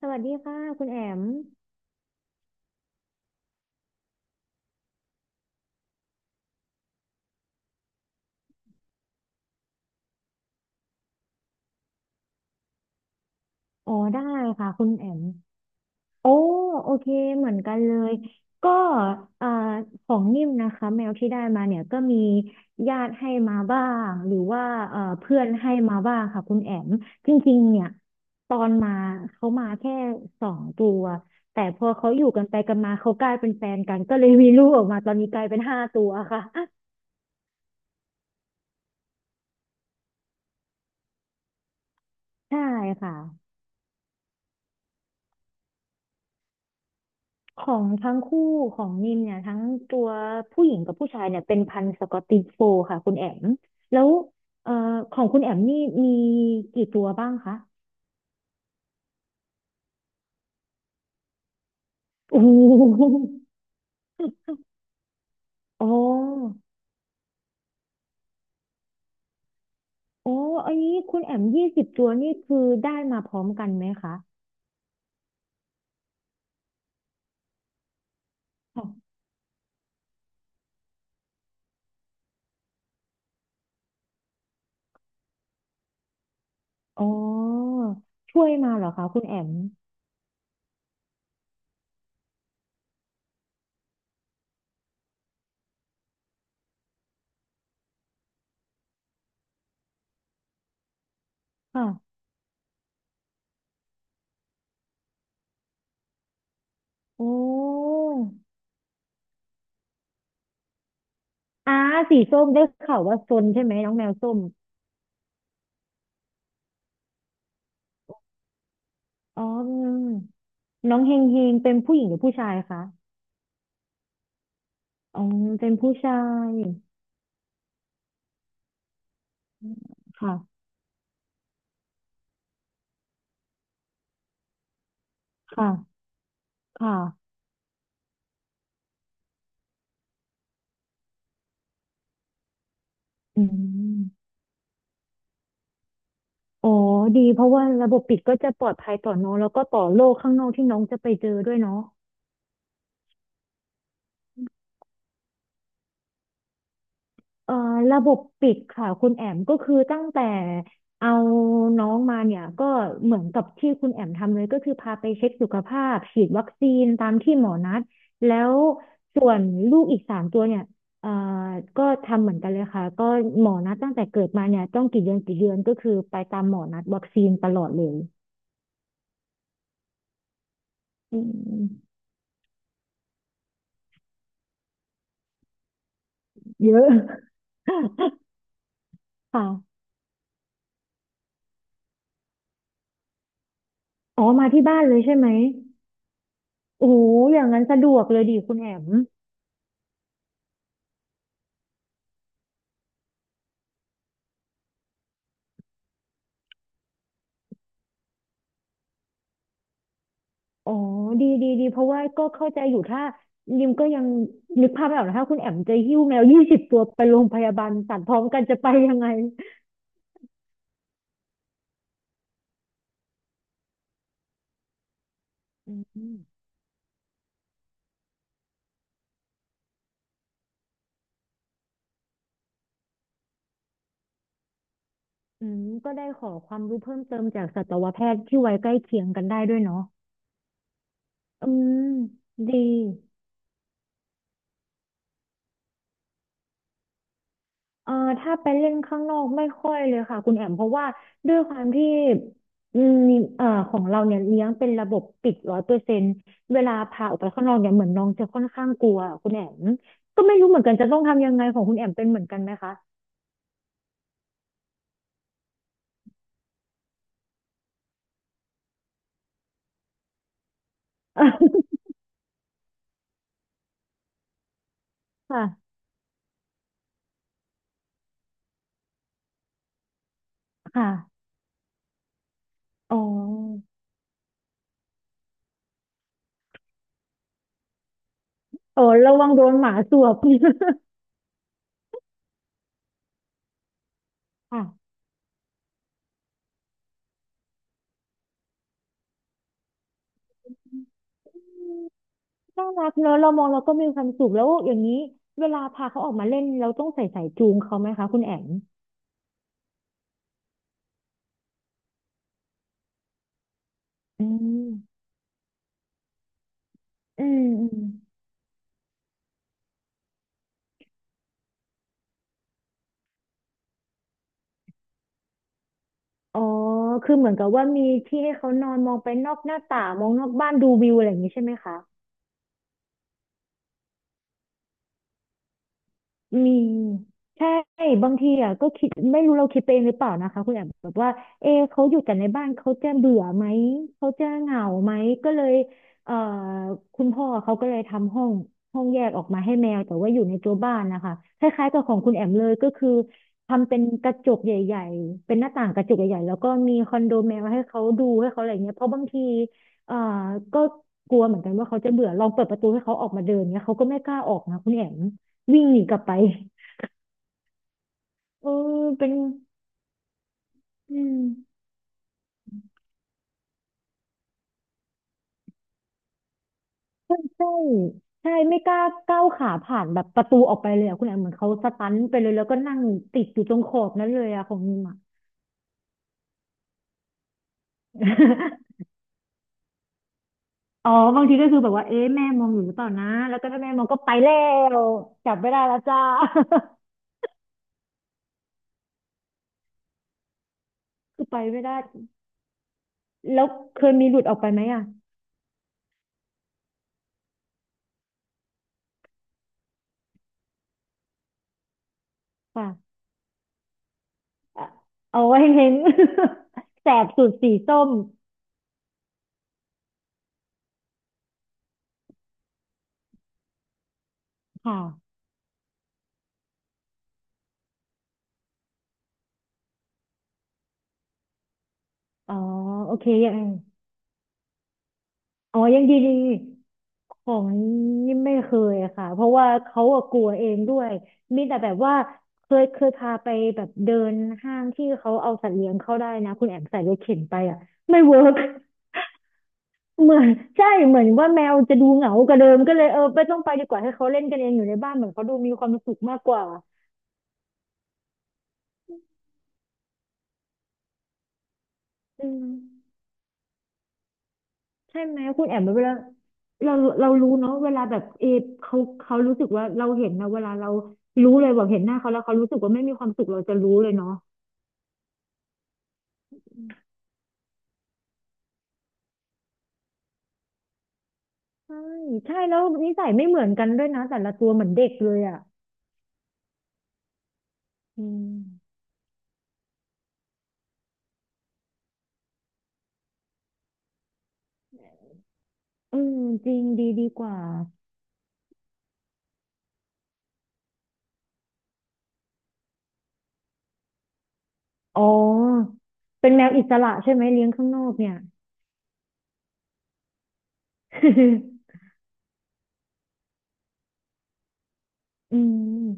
สวัสดีค่ะคุณแอมอ๋อได้ค่ะคุณแอมโอ้โอเคเหมือนกันเลย ก็เอ่อของนิ่มนะคะแมวที่ได้มาเนี่ยก็มีญาติให้มาบ้างหรือว่าเพื่อนให้มาบ้างค่ะคุณแอมจริงๆเนี่ยตอนมาเขามาแค่2 ตัว แต่พอเขาอยู่กันไปกันมาเขากลายเป็นแฟนกันก็เลยมีลูกออกมาตอนนี้กลายเป็นห้าตัวค่ะ ใช่ค่ะ ของทั้งคู่ของนิมเนี่ยทั้งตัวผู้หญิงกับผู้ชายเนี่ยเป็นพันธุ์สกอตติชโฟลด์ค่ะคุณแอมแล้วเอ่อของคุณแอมนี่มีกี่ตัวบ้างคะโอ้โหอ๋ออ๋ออันนี้คุณแอมยี่สิบตัวนี่คือได้มาพร้อมกันไหมคะค่ะอ๋อช่วยมาเหรอคะคุณแอมค่ะโอ้อาสีส้มได้ข่าวว่าซนใช่ไหมน้องแมวส้มอ๋อน้องเฮงเฮงเป็นผู้หญิงหรือผู้ชายคะ อ๋อเป็นผู้ชายอืมค่ะค่ะค่ะอืมอ๋อดีเพราะว่าระบบปิดก็จะปลอดภัยต่อน้องแล้วก็ต่อโลกข้างนอกที่น้องจะไปเจอด้วยเนาะ เอ่อระบบปิดค่ะคุณแอมก็คือตั้งแต่เอาน้องมาเนี่ยก็เหมือนกับที่คุณแอมทำเลยก็คือพาไปเช็คสุขภาพฉีดวัคซีนตามที่หมอนัดแล้วส่วนลูกอีก3 ตัวเนี่ยเอ่อก็ทำเหมือนกันเลยค่ะก็หมอนัดตั้งแต่เกิดมาเนี่ยต้องกี่เดือนกี่เดือนก็คือไปตามหมอนัดวัคซีนตลอดเลยอืมเยอะ ค่ะอ๋อมาที่บ้านเลยใช่ไหมโอ้โหอย่างนั้นสะดวกเลยดิคุณแอม อ๋อ ดีดีดีเพราะว่าก็เข้าใจอยู่ถ้ายิมก็ยังนึกภาพไม่ออกนะถ้าคุณแอมจะหิ้วแมวยี่สิบตัวไปโรงพยาบาลสัตว์พร้อมกันจะไปยังไง อืม อืม ก็ได้ขอความรู้เพิ่มเติมจากสัตวแพทย์ที่ไว้ใกล้เคียงกันได้ด้วยเนาะอืม ดี เอ่อถ้าไปเล่นข้างนอกไม่ค่อยเลยค่ะคุณแอมเพราะว่าด้วยความที่อืมของเราเนี่ยเลี้ยงเป็นระบบปิด100%เวลาพาออกไปข้างนอกเนี่ยเหมือนน้องจะค่อนข้างกลัวคุณแอมก็ไม่รู้เหมือนกันจะต้องทำยังไงของคุณแอมเป็นเหมือนกันไหมคะ ค่ะค่ะอ๋อโอ้ระวังโดนหมาสวบ ค่ะน่ารักเนอะเรามองเราก็มีความสุขแล้วอย่างนี้เวลาพาเขาออกมาเล่นเราต้องใส่สายจูงเขาไหมคะคุณแอมอืมอืมอืม อ๋อ คือเหมือนกับว่ามีที่ให้เขานอนมองไปนอกหน้าต่างมองนอกบ้านดูวิวอะไรอย่างนี้ใช่ไหมคะ มีใช่บางทีอ่ะก็คิดไม่รู้เราคิดไปเองหรือเปล่านะคะคุณแอบแบบว่าเอะเขาอยู่แต่ในบ้านเขาจะเบื่อไหมเขาจะเหงาไหมก็เลยเอ่อคุณพ่อเขาก็เลยทำห้องแยกออกมาให้แมวแต่ว่าอยู่ในตัวบ้านนะคะคล้ายๆกับของคุณแอมเลยก็คือทำเป็นกระจกใหญ่ๆเป็นหน้าต่างกระจกใหญ่ๆแล้วก็มีคอนโดแมวให้เขาดูให้เขาอะไรเงี้ยเพราะบางทีเอ่อก็กลัวเหมือนกันว่าเขาจะเบื่อลองเปิดประตูให้เขาออกมาเดินเงี้ยเขาก็ไม่กล้าออกนะคุณแอม วิ่งหนีกลับไปเออเป็นอืมใช่ใช่ไม่กล้าก้าวขาผ่านแบบประตูออกไปเลยอะคุณแอมเหมือนเขาสตันไปเลยแล้วก็นั่งติดอยู่ตรงขอบนั้นเลยอะของนิมอะ อ๋อบางทีก็คือแบบว่าเอ๊ะแม่มองอยู่หรือเปล่านะแล้วก็ถ้าแม่มองก็ไปแล้วจับไม่ได้แล้วจ้า คือไปไม่ได้แล้วเคยมีหลุดออกไปไหมอ่ะค่ะอ่ะเอาไว้เห็น แสบสุดสีส้มค่ะอ๋อโอเคยังไง อ๋อยังดีดีของนี่ไม่เคยอะค่ะเพราะว่าเขาอะกลัวเองด้วย มีแต่แบบว่าเคยพาไปแบบเดินห้างที่เขาเอาสัตว์เลี้ยงเข้าได้นะคุณแอมใส่รถเข็นไปอะไม่เวิร์ก เหมือนใช่เหมือนว่าแมวจะดูเหงากว่าเดิมก็เลยเออไม่ต้องไปดีกว่าให้เขาเล่นกันเองอยู่ในบ้านเหมือนเขาดูมีความสุขมากกว่าอืม ใช่ไหมคุณแอมเวลาเราเรารู้เนาะเวลาแบบเอเขาเขารู้สึกว่าเราเห็นนะเวลาเรารู้เลยแบบเห็นหน้าเขาแล้วเขารู้สึกว่าไม่มีความสุขเราจะรู้เลยเนาะใช่ใช่แล้วนิสัยไม่เหมือนกันด้วยนะแต่ละตัวเหมือนเด็กเลยอ่ะอืมเออจริงดีดีกว่าอ๋อเป็นแมวอิสระใช่ไหมเลี้ยงข้างนอกเนี่ย อืม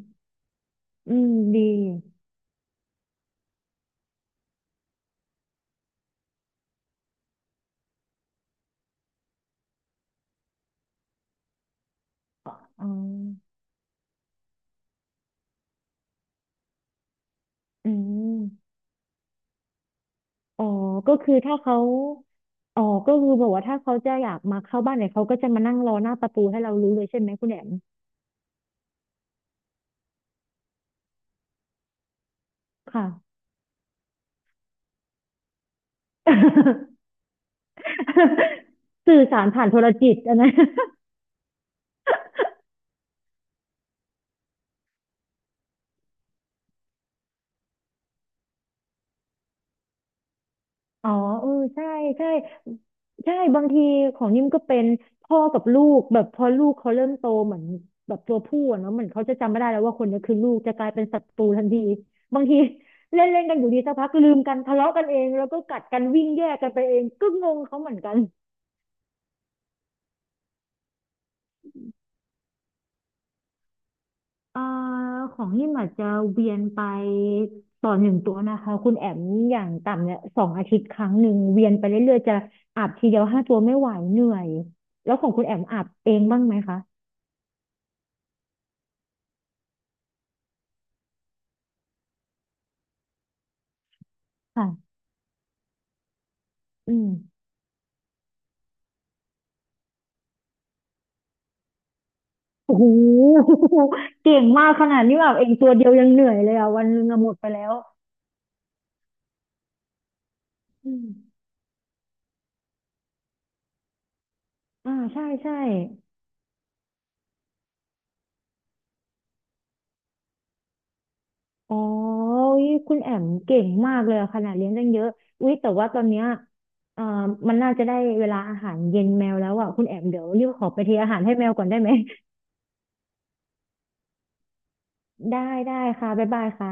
อืมดีอ๋ออืม อ๋อก็คือถ้าเขาอ๋อก็คือแบบว่าถ้าเขาจะอยากมาเข้าบ้านเนี่ยเขาก็จะมานั่งรอหน้าประตูให้เรารู้เลยใช่ไหมคุณแหมค่ะ สื่อสารผ่านโทรจิตอันนั้น อ๋อเออใช่ใช่ใช่บางทีของนิ่มก็เป็นพ่อกับลูกแบบพอลูกเขาเริ่มโตเหมือนแบบตัวผู้อะเนาะเหมือนเขาจะจำไม่ได้แล้วว่าคนนี้คือลูกจะกลายเป็นศัตรูทันทีบางที เล่นเล่นกันอยู่ดีสักพักลืมกันทะเลาะกันเองแล้วก็กัดกันวิ่งแยกกันไปเองก็งงเขาเหมือนกัน เอ่อของนี่มอาจจะเวียนไปต่อหนึ่งตัวนะคะคุณแอมอย่างต่ำเนี่ย2 อาทิตย์ครั้งหนึ่งเวียนไปเรื่อยๆจะอาบทีเดียวห้าตัวไม่ไหวเหนื่อยแล้วของคุณแอมอาบเองบ้างไหมคะค่ะอืมโอ้โห เก่งมากขนาดนี้อาบเองตัวเดียวยังเหนื่อยเลยอ่ะวันหนึงอะหมดไปแล้วอืมอ่าใช่ใช่ อ๋ออุ๊ยคุณแอมเก่งมากเลยอะขนาดเลี้ยงตั้งเยอะอุ๊ยแต่ว่าตอนเนี้ยเอ่อมันน่าจะได้เวลาอาหารเย็นแมวแล้วอ่ะคุณแอมเดี๋ยวรีบขอไปเทอาหารให้แมวก่อนได้ไหม ได้ได้ค่ะบ๊ายบายค่ะ